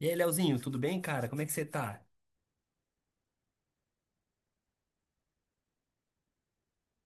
E aí, Leozinho, tudo bem, cara? Como é que você tá?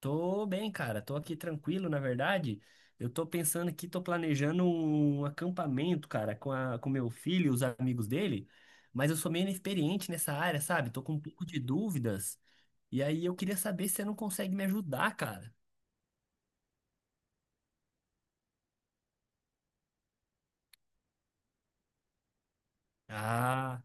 Tô bem, cara. Tô aqui tranquilo, na verdade. Eu tô pensando aqui, tô planejando um acampamento, cara, com meu filho e os amigos dele, mas eu sou meio inexperiente nessa área, sabe? Tô com um pouco de dúvidas. E aí eu queria saber se você não consegue me ajudar, cara. Ah.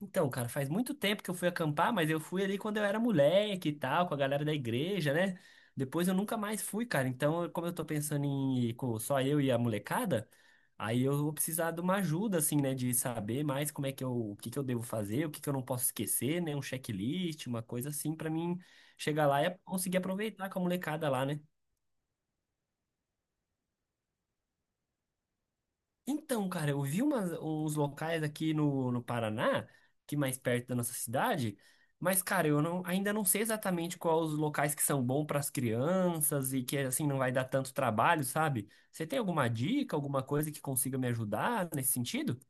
Então, cara, faz muito tempo que eu fui acampar, mas eu fui ali quando eu era moleque e tal, com a galera da igreja, né? Depois eu nunca mais fui, cara. Então, como eu tô pensando em ir com só eu e a molecada, aí eu vou precisar de uma ajuda, assim, né? De saber mais como é que eu, o que que eu devo fazer, o que que eu não posso esquecer, né? Um checklist, uma coisa assim, pra mim chegar lá e conseguir aproveitar com a molecada lá, né? Então, cara, eu vi umas, uns locais aqui no Paraná, que mais perto da nossa cidade, mas, cara, eu não, ainda não sei exatamente quais os locais que são bons para as crianças e que, assim, não vai dar tanto trabalho, sabe? Você tem alguma dica, alguma coisa que consiga me ajudar nesse sentido?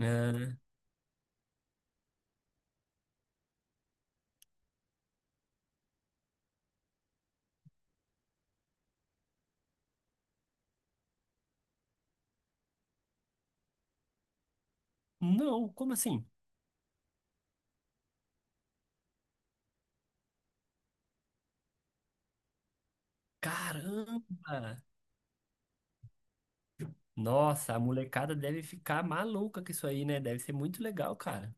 Ah, não, como assim? Caramba! Nossa, a molecada deve ficar maluca com isso aí, né? Deve ser muito legal, cara.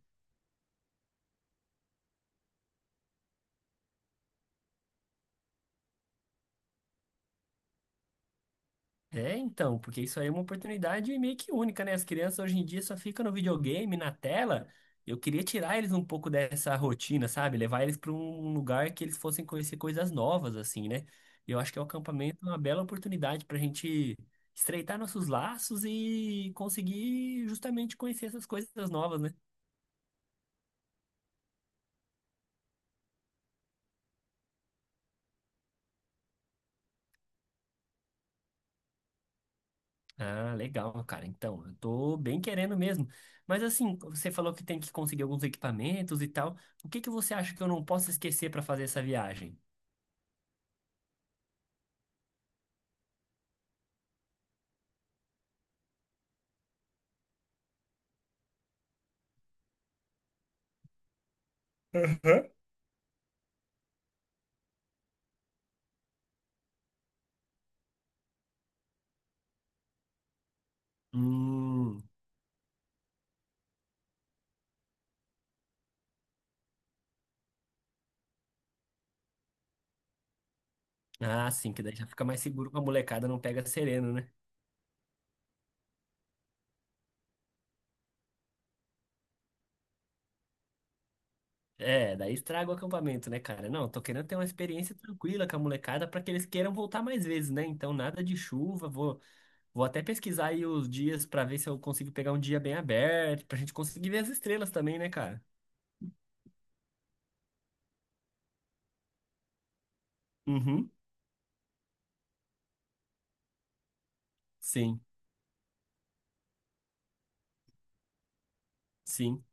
É, então, porque isso aí é uma oportunidade meio que única, né? As crianças hoje em dia só ficam no videogame, na tela. Eu queria tirar eles um pouco dessa rotina, sabe? Levar eles para um lugar que eles fossem conhecer coisas novas, assim, né? Eu acho que é o acampamento é uma bela oportunidade para a gente estreitar nossos laços e conseguir justamente conhecer essas coisas novas, né? Ah, legal, cara. Então, eu tô bem querendo mesmo. Mas assim, você falou que tem que conseguir alguns equipamentos e tal. O que que você acha que eu não posso esquecer para fazer essa viagem? Hum, ah, sim, que daí já fica mais seguro que a molecada não pega sereno, né? É, daí estraga o acampamento, né, cara? Não, tô querendo ter uma experiência tranquila com a molecada pra que eles queiram voltar mais vezes, né? Então, nada de chuva, vou até pesquisar aí os dias pra ver se eu consigo pegar um dia bem aberto, pra gente conseguir ver as estrelas também, né, cara? Uhum, sim, sim.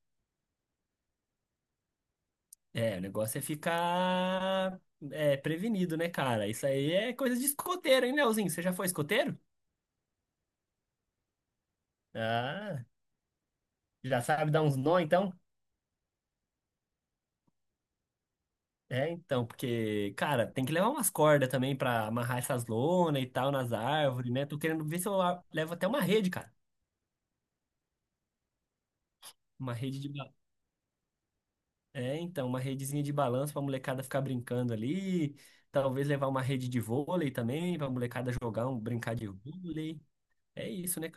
É, o negócio é ficar prevenido, né, cara? Isso aí é coisa de escoteiro, hein, Leozinho? Você já foi escoteiro? Ah, já sabe dar uns nó, então? É, então, porque, cara, tem que levar umas cordas também pra amarrar essas lonas e tal nas árvores, né? Tô querendo ver se eu levo até uma rede, cara. Uma rede de. Ba- É, então, uma redezinha de balanço pra molecada ficar brincando ali. Talvez levar uma rede de vôlei também, pra molecada brincar de vôlei. É isso, né?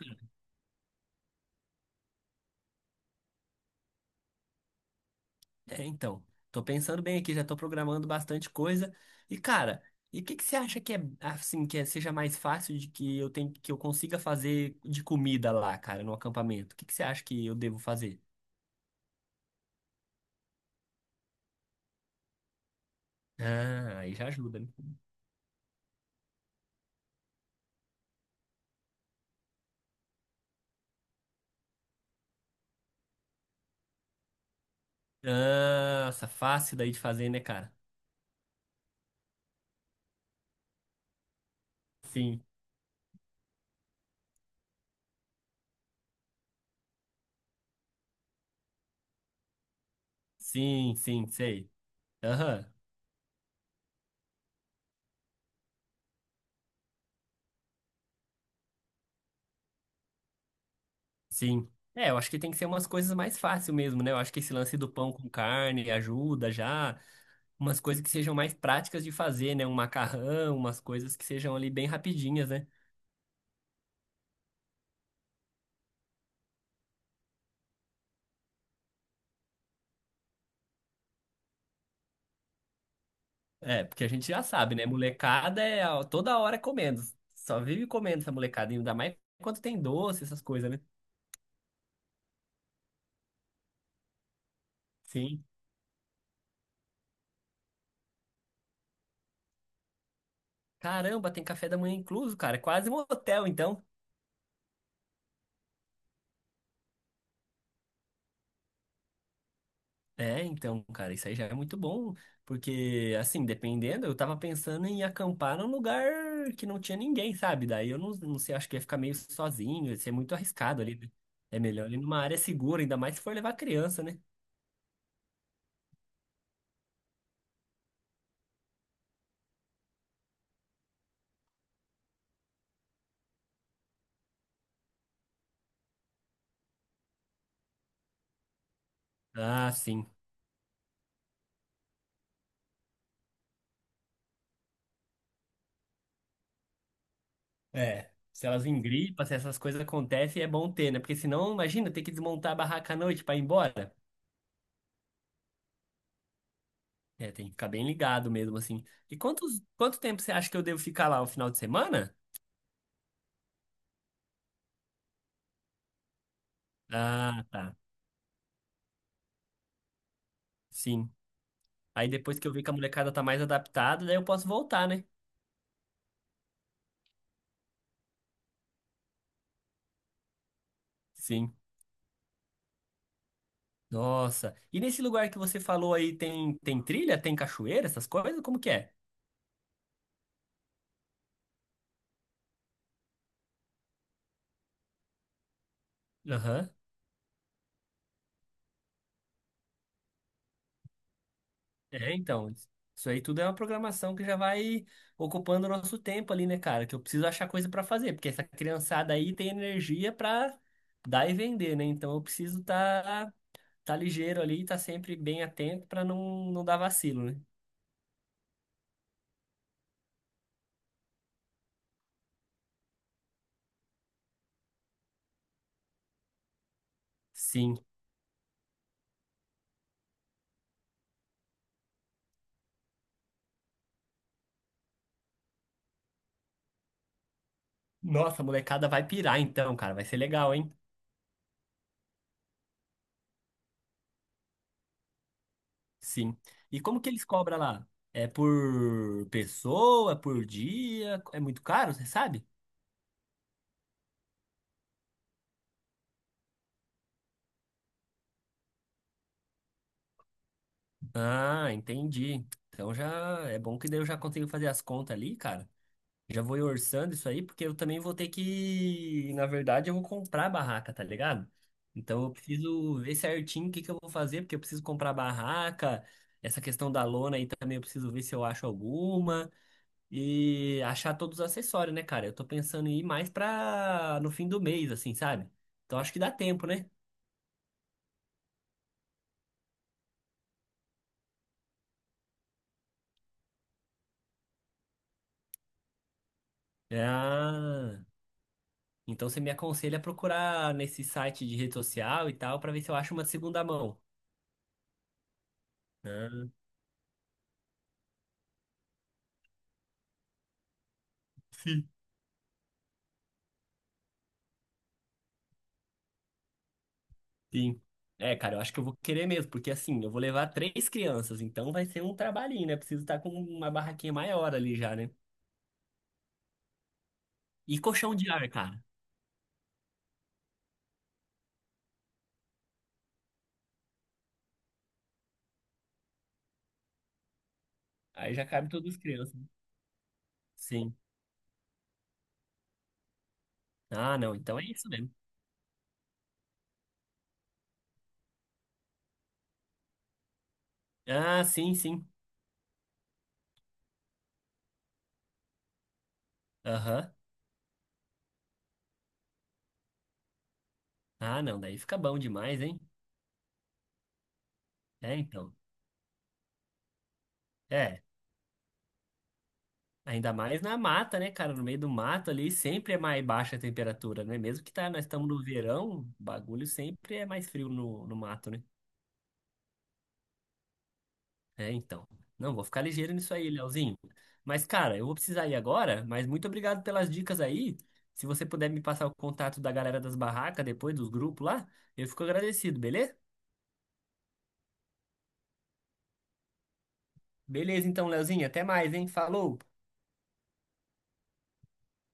É, então, tô pensando bem aqui, já tô programando bastante coisa. E cara, e o que que você acha que é assim, seja mais fácil de que eu tenho, que eu consiga fazer de comida lá, cara, no acampamento? O que que você acha que eu devo fazer? Ah, aí já ajuda, né? Nossa, fácil daí de fazer, né, cara? Sim, sim, sim, sei. Aham, sim. É, eu acho que tem que ser umas coisas mais fáceis mesmo, né? Eu acho que esse lance do pão com carne ajuda já. Umas coisas que sejam mais práticas de fazer, né? Um macarrão, umas coisas que sejam ali bem rapidinhas, né? É, porque a gente já sabe, né? Molecada toda hora é comendo. Só vive comendo essa molecada, ainda mais quando tem doce, essas coisas, né? Sim. Caramba, tem café da manhã incluso, cara. É quase um hotel, então. É, então, cara, isso aí já é muito bom, porque, assim, dependendo, eu tava pensando em acampar num lugar que não tinha ninguém, sabe? Daí eu não sei, acho que ia ficar meio sozinho, ia ser muito arriscado ali. Né? É melhor ir numa área segura, ainda mais se for levar criança, né? Ah, sim. É. Se elas engripam, se essas coisas acontecem, é bom ter, né? Porque senão, imagina, ter que desmontar a barraca à noite pra ir embora. É, tem que ficar bem ligado mesmo, assim. E quanto tempo você acha que eu devo ficar lá o final de semana? Ah, tá. Sim. Aí depois que eu ver que a molecada tá mais adaptada, daí eu posso voltar, né? Sim. Nossa. E nesse lugar que você falou aí, tem trilha, tem cachoeira, essas coisas? Como que é? Aham. É, então. Isso aí tudo é uma programação que já vai ocupando o nosso tempo ali, né, cara? Que eu preciso achar coisa pra fazer, porque essa criançada aí tem energia pra dar e vender, né? Então eu preciso tá ligeiro ali, tá sempre bem atento pra não dar vacilo, né? Sim. Nossa, a molecada vai pirar então, cara. Vai ser legal, hein? Sim. E como que eles cobram lá? É por pessoa, por dia? É muito caro, você sabe? Ah, entendi. Então já é bom que daí eu já consigo fazer as contas ali, cara. Já vou ir orçando isso aí, porque eu também vou ter que, na verdade, eu vou comprar a barraca, tá ligado? Então eu preciso ver certinho o que que eu vou fazer, porque eu preciso comprar a barraca. Essa questão da lona aí também eu preciso ver se eu acho alguma. E achar todos os acessórios, né, cara? Eu tô pensando em ir mais pra no fim do mês, assim, sabe? Então acho que dá tempo, né? Ah, então você me aconselha a procurar nesse site de rede social e tal, pra ver se eu acho uma segunda mão. Ah, sim. Sim. É, cara, eu acho que eu vou querer mesmo, porque assim, eu vou levar três crianças, então vai ser um trabalhinho, né? Preciso estar com uma barraquinha maior ali já, né? E colchão de ar, cara. Aí já cabe todas as crianças. Sim. Ah, não, então é isso mesmo. Ah, sim. Aham. Ah, não, daí fica bom demais, hein? É, então. É, ainda mais na mata, né, cara? No meio do mato ali sempre é mais baixa a temperatura, né? Mesmo que tá, nós estamos no verão, o bagulho sempre é mais frio no mato, né? É, então. Não, vou ficar ligeiro nisso aí, Leozinho. Mas, cara, eu vou precisar ir agora, mas muito obrigado pelas dicas aí. Se você puder me passar o contato da galera das barracas depois, dos grupos lá, eu fico agradecido, beleza? Beleza, então, Leozinho, até mais, hein? Falou!